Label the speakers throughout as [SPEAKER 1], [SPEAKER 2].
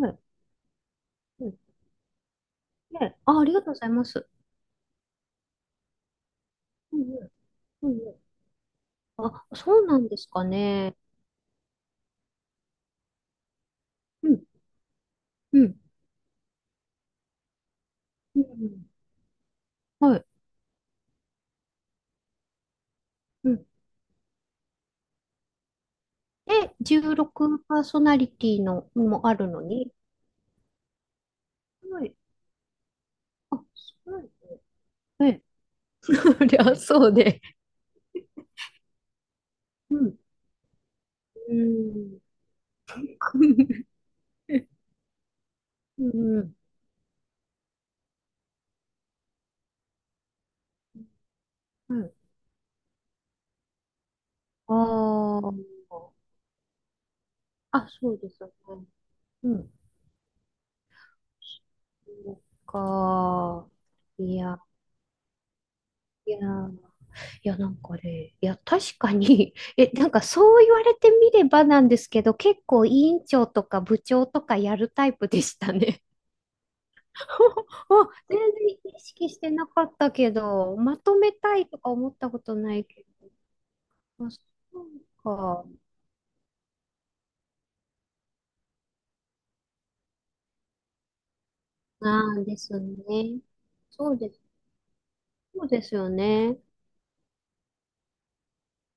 [SPEAKER 1] はい。うん。ね、あ、ありがとうございます。うんうん。うんうん。あ、そうなんですかね。うん。うん。うん。はい。うん。で、16パーソナリティのもあるのに。はい。あ、すごいね。い。そりゃそうで。うん。うん。うん。うんは、ああ、そうですね。うん。そっか。いや、いや。いや、なんかね、いや、確かに、 え、なんかそう言われてみればなんですけど、結構委員長とか部長とかやるタイプでしたね。あ、全然意識してなかったけど、まとめたいとか思ったことないけど、まあ、そうか、なんですね。そうです、そうですよね。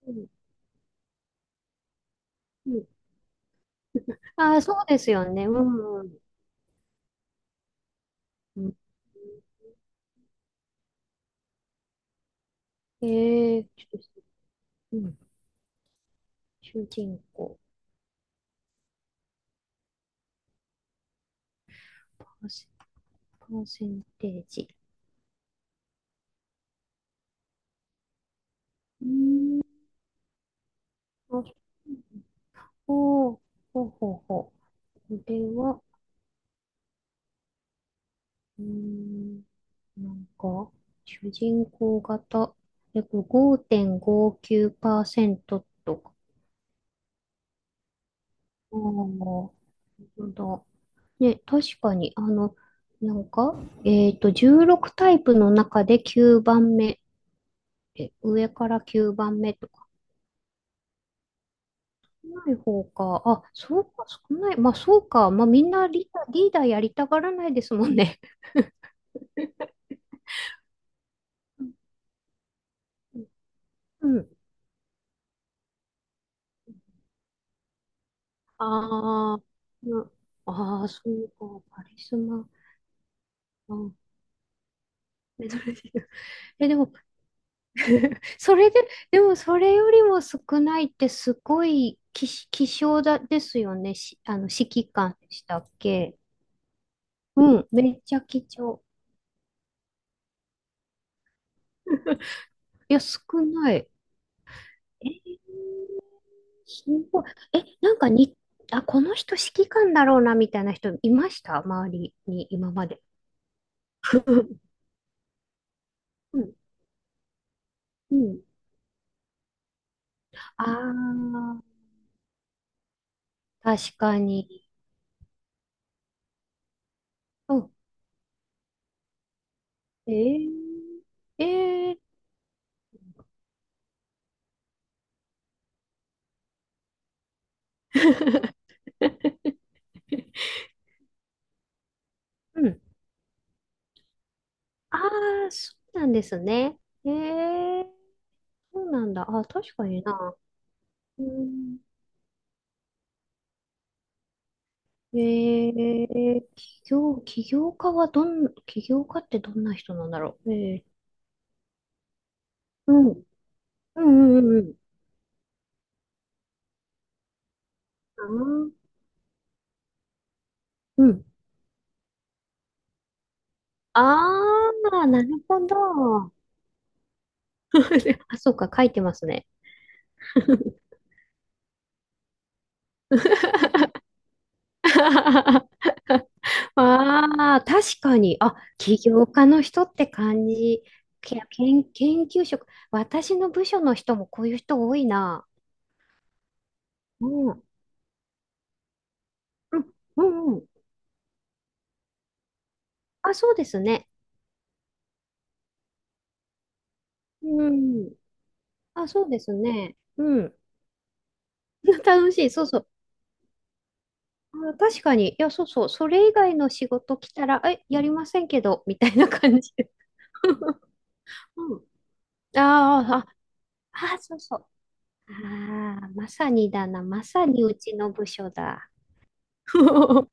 [SPEAKER 1] うん、うん。あー、そうですよね。うん、うん。うん、えー、ちょっと、うん、主人公、パーセパーセンテージ。うん、あ、ほう、ほうほうほう。これは、うーん、なんか、主人公型。え、これ5.59%とか。ああ、本当だ。ね、確かに、あの、なんか、えっと、16タイプの中で9番目。え、上から9番目とか。少ない方か。あ、そうか、少ない。まあ、そうか。まあ、みんなリーダーやりたがらないですもんね。うん。うん。ああ、な、ああ、そうか、カリスマ。うん、メドレーヌ。え、でも、それで、でもそれよりも少ないってすごい希少だですよね。し、あの、指揮官でしたっけ。うん、めっちゃ貴重。いや、少ない。えー、すごい。え、なんかに、あ、この人指揮官だろうな、みたいな人いました周りに、今まで。うん、うん。ああ、確かに。うん、えー、えー、うん。ああ、そうなんですね。えー、そうなんだ。あ、確かにな。うん、えー、起業家はどん、起業家ってどんな人なんだろう。えー、うん、うん、うん、うん。うん。あー、うん、あー、なるほど。あ、そうか、書いてますね。ああ、確かに。あ、起業家の人って感じ。け、研、研究職。私の部署の人もこういう人多いな。うん。うん、うん、うん。あ、そうですね。うん。あ、そうですね。うん。楽しい。そうそう。あ、確かに。いや、そうそう。それ以外の仕事来たら、え、やりませんけど、みたいな感じ。うん。あー、あ、あ、そうそう。ああ、まさにだな。まさにうちの部署だ。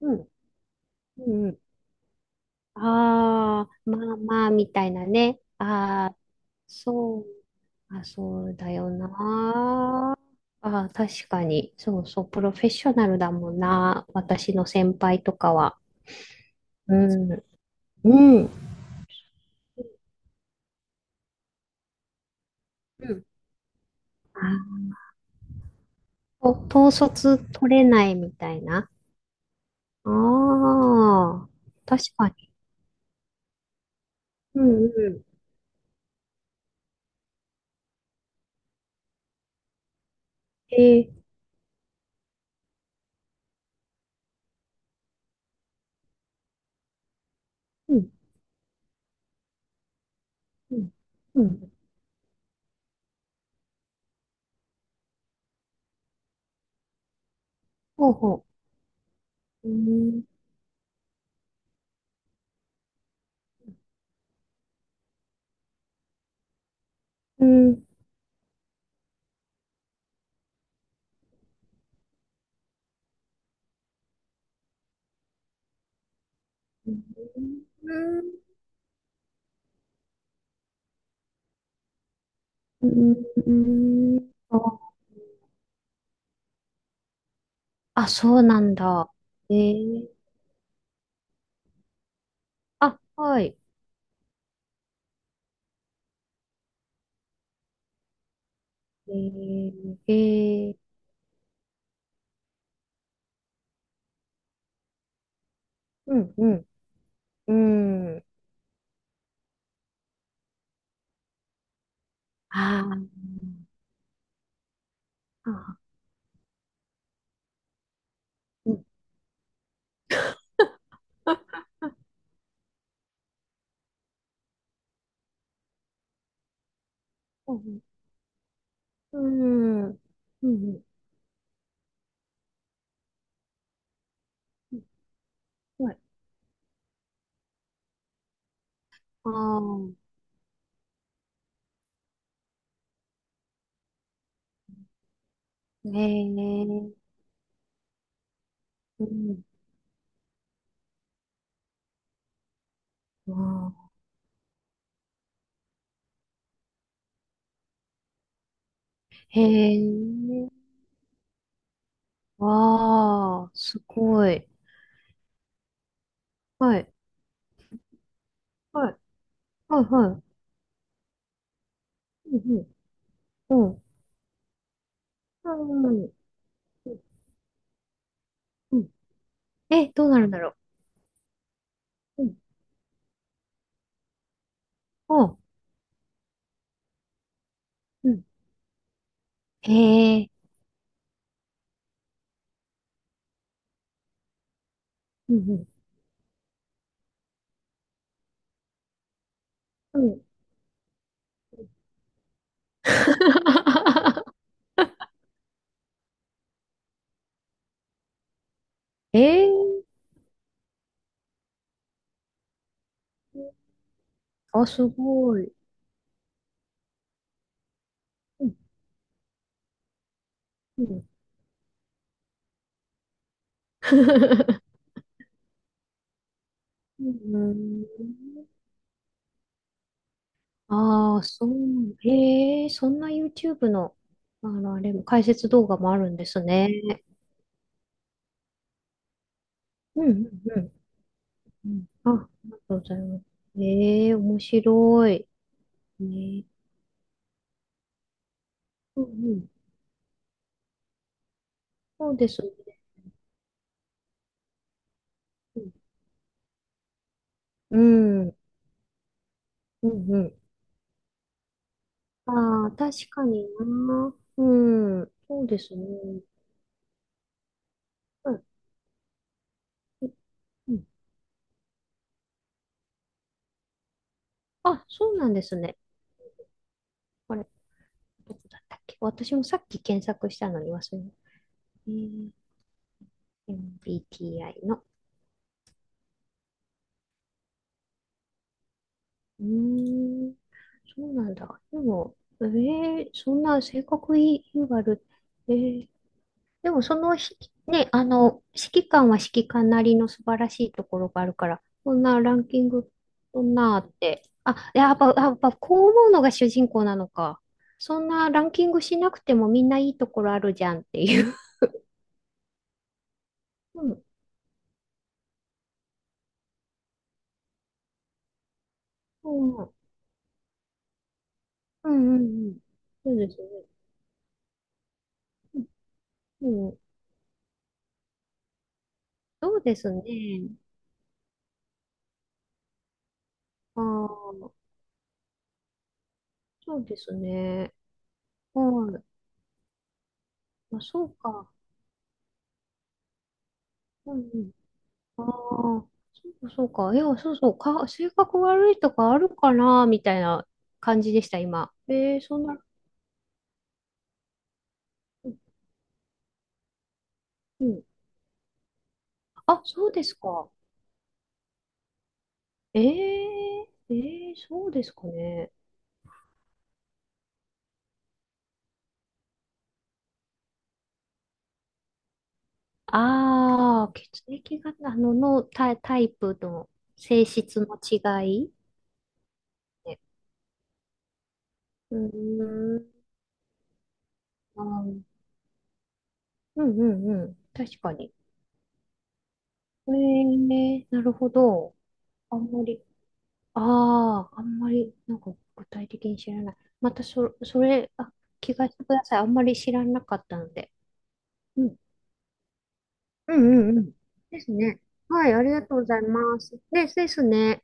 [SPEAKER 1] うん。うん。ああ、まあまあ、みたいなね。ああ、そう、あ、そうだよな。ああ、確かに。そうそう、プロフェッショナルだもんな。私の先輩とかは。うん。うん。うん。あ、と、統率取れないみたいな。ああ、確かに。うんうん。ええ、うん。うん。うん。ほうほう。うん。うん。うん、うーん。あ、あ、そうなんだ。えー、あ、はい。えー、えー、うん、うん、うん。ああ、あー、うん。うん、うん、うん、うん、うん、はい、ああ、へえ、うん、ああ、へえ、わあ、すごい。はい、はい、はい、はい、うん、うん、うん、うん、うんうん、え、どうなるんだろう。うん、あ、うん、へえ。うんうん。うん。ええ、あ、すごい。うん。うん。うん。ああ、そう。へえ、そんな YouTube の、あの、あれも、解説動画もあるんですね。うん、うん、うん。うん、あ、ありがとうございます。ええ、面白い。ね、うん、うん。そうですね。うん、うん、うん。うん、ああ、確かにな。うん、そうですね。うん、あ、そうなんですね。あれ、どこだったっけ私もさっき検索したのに忘れた。えー、 MBTI の。うーん、そうなんだ。でも、えー、そんな性格いいわる。えー、でもそのひ、ね、あの、指揮官は指揮官なりの素晴らしいところがあるから、そんなランキング、そんなあって。あ、やっぱこう思うのが主人公なのか。そんなランキングしなくてもみんないいところあるじゃんっていう。うん。うんうんうん。うん。そうですね。うん。うん、そうですね。ああ、そうですね。はい。あ、そうか。うんうん。ああ、そうか。いや、そうそう。か、性格悪いとかあるかな、みたいな感じでした、今。えー、そんな、うん。うん、あ、そうですか。えー、えー、そうですかね。ああ、血液型の、のタイ、タイプと性質の違いね。うーん。あー、うんうんうん。確かに。えー、なるほど。あんまり、ああ、あんまり、なんか具体的に知らない。またそ、それ、あ、聞かせてください。あんまり知らなかったので。うん。うんうんうん。ですね。はい、ありがとうございます。で、ですね。